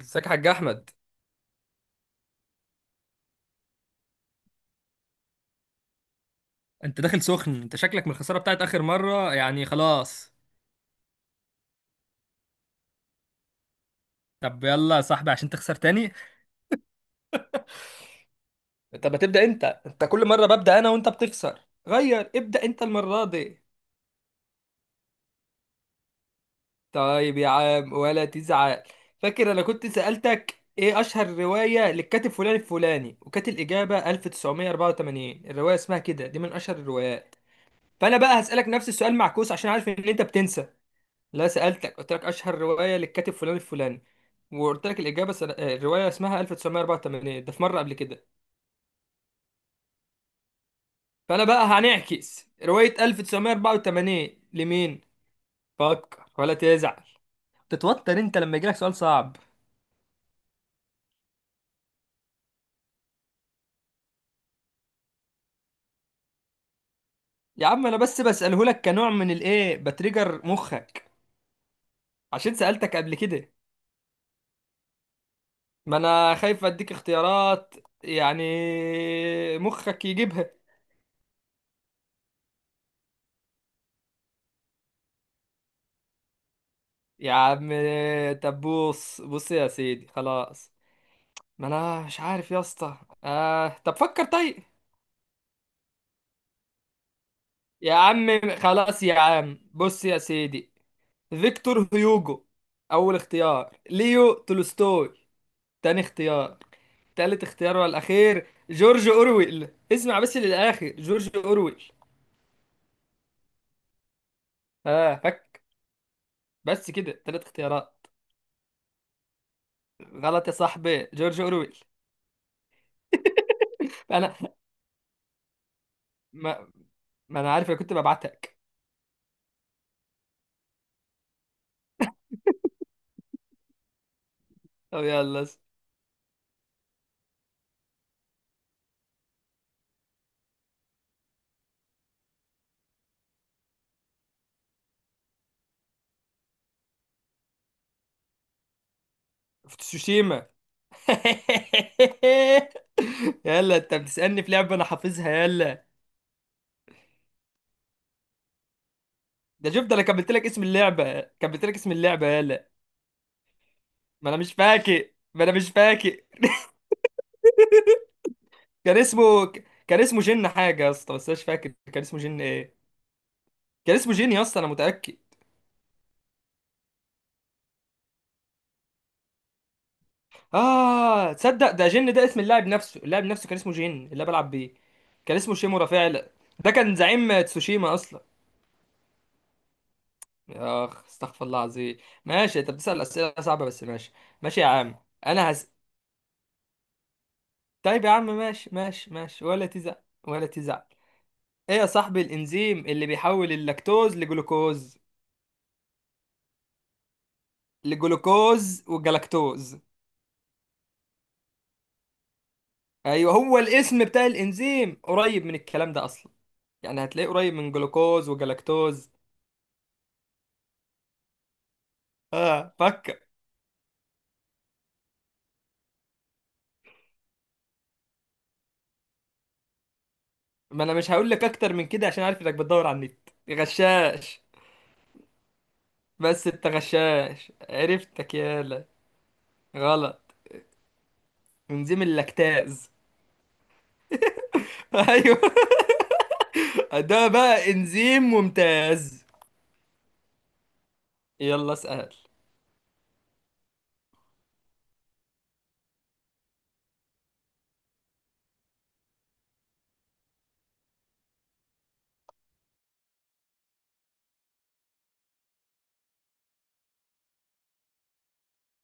ازيك يا حاج احمد؟ انت داخل سخن، انت شكلك من الخساره بتاعت اخر مره، يعني خلاص. طب يلا يا صاحبي عشان تخسر تاني. طب هتبدا انت كل مره ببدا انا وانت بتخسر. غير ابدا انت المره دي. طيب يا عم ولا تزعل. فاكر انا كنت سالتك ايه اشهر روايه للكاتب فلان الفلاني، وكانت الاجابه 1984؟ الروايه اسمها كده، دي من اشهر الروايات. فانا بقى هسالك نفس السؤال معكوس عشان عارف ان انت بتنسى. لا سألتك، قلت لك أشهر رواية للكاتب فلان الفلاني، وقلت لك الإجابة سنة... الرواية اسمها 1984، ده في مرة قبل كده. فأنا بقى هنعكس رواية 1984 لمين؟ فكر ولا تزعل. تتوتر أنت لما يجيلك سؤال صعب. يا عم أنا بس بسأله لك كنوع من الإيه، بتريجر مخك. عشان سألتك قبل كده. ما أنا خايف أديك اختيارات، يعني مخك يجيبها. يا عم طب بص بص يا سيدي خلاص. ما انا مش عارف يا اسطى. طب فكر طيب. يا عم خلاص يا عم بص يا سيدي. فيكتور هيوجو اول اختيار، ليو تولستوي تاني اختيار، تالت اختيار والاخير جورج اورويل. اسمع بس للاخر، جورج اورويل. اه فك. بس كده تلات اختيارات. غلط يا صاحبي، جورج اورويل. انا ما, ما انا عارف انا كنت ببعتك. طب يلا. فتسوشيما. يلا انت بتسألني في لعبة انا حافظها، يلا. ده شفت انا كملت لك اسم اللعبة، كملت لك اسم اللعبة، يلا. ما انا مش فاكر ما انا مش فاكر. كان اسمه، كان اسمه جن حاجة يا اسطى، بس انا مش فاكر كان اسمه جن ايه. كان اسمه جن يا اسطى انا متأكد. اه تصدق ده جن ده اسم اللاعب نفسه، اللاعب نفسه كان اسمه جن اللي أنا بلعب بيه. كان اسمه شيمورا فعلا. ده كان زعيم تسوشيما اصلا. اخ استغفر الله العظيم. ماشي انت بتسأل اسئلة صعبة بس ماشي. ماشي يا عم. انا هسألك. طيب يا عم ماشي ماشي ماشي ولا تزعل. ولا تزعل. ايه يا صاحبي الانزيم اللي بيحول اللاكتوز لجلوكوز؟ لجلوكوز والجلاكتوز. ايوه هو الاسم بتاع الانزيم قريب من الكلام ده اصلا، يعني هتلاقيه قريب من جلوكوز وجلاكتوز. اه فكر. ما انا مش هقول لك اكتر من كده عشان عارف انك بتدور على النت، غشاش. بس انت غشاش، عرفتك، يالا. غلط. انزيم اللاكتاز. ايوه. ده بقى انزيم ممتاز. يلا اسأل.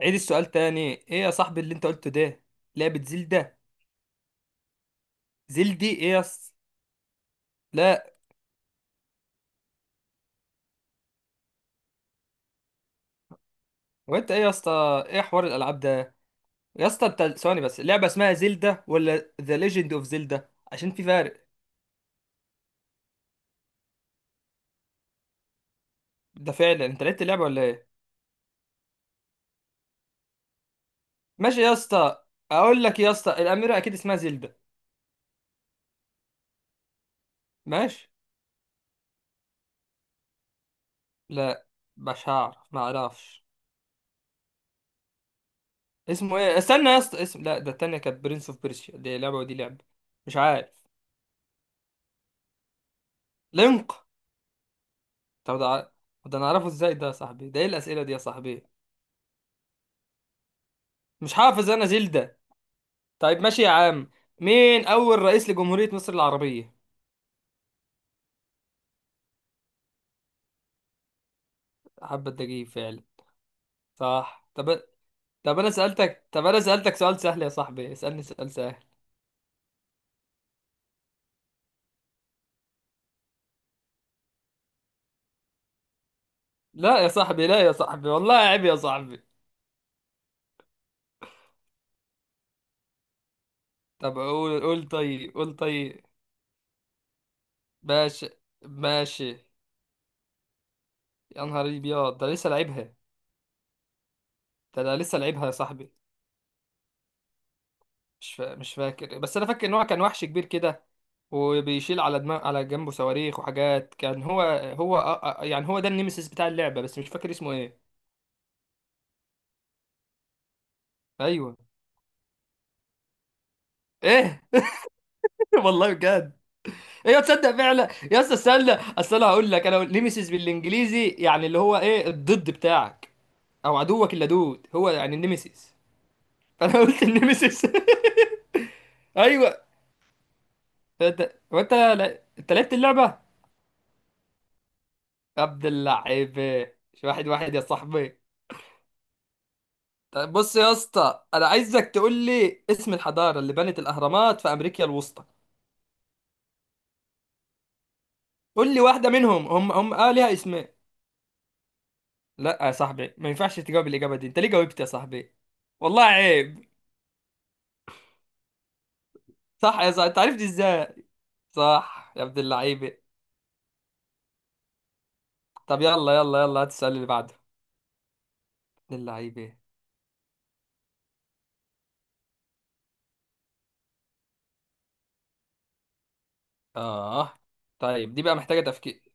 عيد السؤال تاني، ايه يا صاحبي اللي انت قلته ده؟ لعبة زلدة. زلدي ايه يا اسطى؟ لا. وانت ايه يا اسطى، ايه حوار الالعاب ده؟ يا اسطى انت ثواني بس، اللعبة اسمها زلدة ولا ذا ليجند اوف زلدة، عشان في فرق. ده فعلا انت لعبت اللعبة ولا ايه؟ ماشي يا اسطى. اقول لك يا اسطى، الاميرة اكيد اسمها زلدة. ماشي. لا. مش هعرف ما اعرفش. اسمه ايه؟ استنى يا اسطى، اسم، لا ده التانية كانت برنس اوف بيرسيا، دي لعبة ودي لعبة. مش عارف. لينك. طب ده ده انا اعرفه ازاي ده يا صاحبي، ده ايه الاسئلة دي يا صاحبي؟ مش حافظ انا زلدة. طيب ماشي يا عم. مين اول رئيس لجمهورية مصر العربية؟ حبة دقيق فعلا. صح. طب. طب انا سألتك، طب انا سألتك سؤال سهل يا صاحبي، اسألني سؤال سهل. لا يا صاحبي، لا يا صاحبي والله عيب يا صاحبي. طب قول قول طيب قول طيب. ماشي. ماشي. يا نهار ابيض ده لسه لعبها، ده أنا لسه لعبها يا صاحبي. مش فاكر، بس انا فاكر ان هو كان وحش كبير كده، وبيشيل على دماغ على جنبه صواريخ وحاجات، كان هو، هو يعني هو ده النيمسيس بتاع اللعبه، بس مش فاكر اسمه ايه. ايوه. ايه؟ والله بجد. ايوه تصدق فعلا يا اسطى، استنى اصل انا هقول لك، انا نيمسيس بالانجليزي يعني اللي هو ايه، الضد بتاعك او عدوك اللدود، هو يعني النيمسيس. فانا قلت النيمسيس. ايوه. انت وانت انت لعبت اللعبه. عبد اللعيب. مش واحد واحد يا صاحبي. طيب بص يا اسطى، انا عايزك تقول لي اسم الحضاره اللي بنت الاهرامات في امريكا الوسطى. قول لي واحده منهم، هم اه ليها اسمين. لا يا صاحبي، ما ينفعش تجاوب الاجابه دي، انت ليه جاوبت يا صاحبي؟ والله عيب. صح يا صاحبي، انت عرفت ازاي؟ صح يا ابن اللعيبه. طب يلا يلا يلا هات السؤال اللي بعده. ابن اللعيبه. اه طيب دي بقى محتاجه تفكير.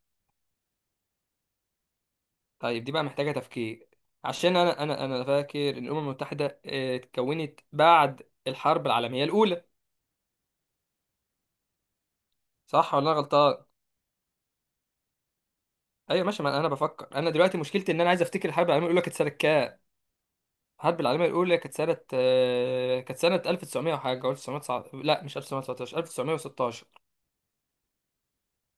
طيب دي بقى محتاجه تفكير. عشان انا فاكر ان الامم المتحده اتكونت بعد الحرب العالميه الاولى، صح ولا انا غلطان؟ ايوه ماشي ما انا بفكر، انا دلوقتي مشكلتي ان انا عايز افتكر الحرب العالميه الاولى كانت سنه كام. الحرب العالميه الاولى كانت سنه كانت سنه 1900 وحاجه، 1900 لا، مش 1919، 1916.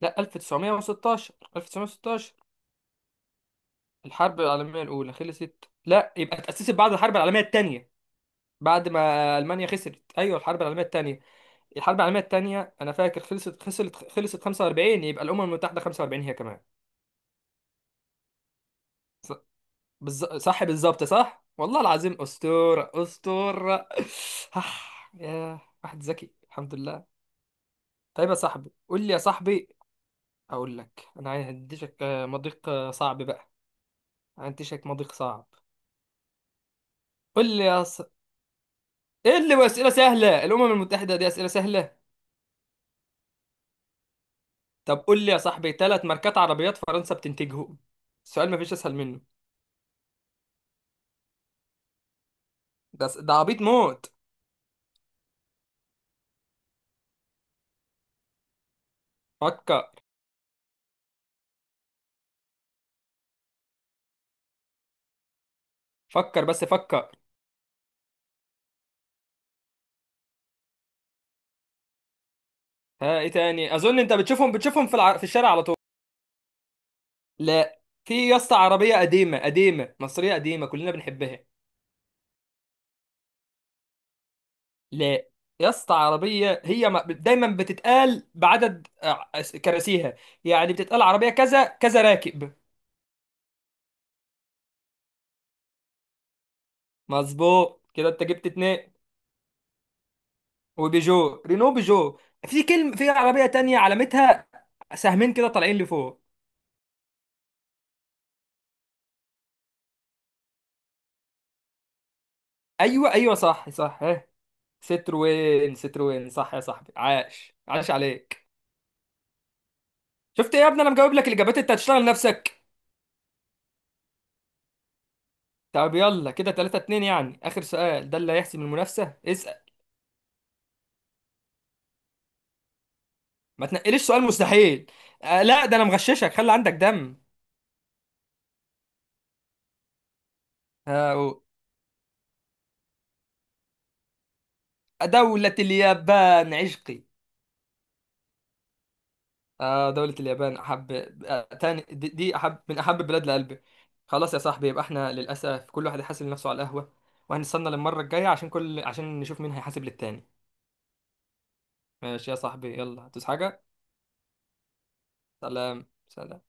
لا 1916، 1916. الحرب العالميه الاولى خلصت، لا يبقى اتاسست بعد الحرب العالميه الثانيه، بعد ما المانيا خسرت، ايوه الحرب العالميه الثانيه. الحرب العالميه الثانيه انا فاكر خلصت خسرت خلصت 45، يبقى الامم المتحده 45 هي كمان. صح، بالظبط، صح والله العظيم، أسطورة أسطورة. آه، يا واحد ذكي الحمد لله. طيب يا صاحبي، قول لي يا صاحبي، أقول لك أنا هديشك مضيق صعب بقى. هديشك مضيق صعب. قول لي يا ص... إيه اللي أسئلة سهلة، الأمم المتحدة دي أسئلة سهلة؟ طب قول لي يا صاحبي، ثلاث ماركات عربيات فرنسا بتنتجهم. السؤال مفيش أسهل منه. ده ده عبيط موت. فكر. فكر بس فكر. ها إيه تاني، أظن أنت بتشوفهم في في الشارع على طول. لا. في يا اسطى عربية قديمة قديمة مصرية قديمة كلنا بنحبها. لا يا اسطى عربية، هي دايما بتتقال بعدد كراسيها، يعني بتتقال عربية كذا كذا راكب. مظبوط كده انت جبت اتنين. وبيجو، رينو بيجو. في كلمة في عربية تانية، علامتها سهمين كده طالعين لفوق. ايوه ايوه صح صح ها. ستروين ستروين صح يا صاحبي، عاش عاش عليك. شفت ايه يا ابني، انا مجاوب لك الاجابات انت هتشتغل نفسك. طب يلا كده 3-2، يعني اخر سؤال ده اللي هيحسم المنافسه، اسال. ما تنقليش سؤال مستحيل. آه لا ده انا مغششك، خلي عندك دم. آه دولة اليابان عشقي. آه دولة اليابان احب. آه تاني دي احب من احب البلاد لقلبي. خلاص يا صاحبي، يبقى احنا للاسف كل واحد يحاسب نفسه على القهوه، وهنستنى للمره الجايه عشان كل عشان نشوف مين هيحاسب للتاني. ماشي يا صاحبي، يلا هتوس حاجه. سلام سلام.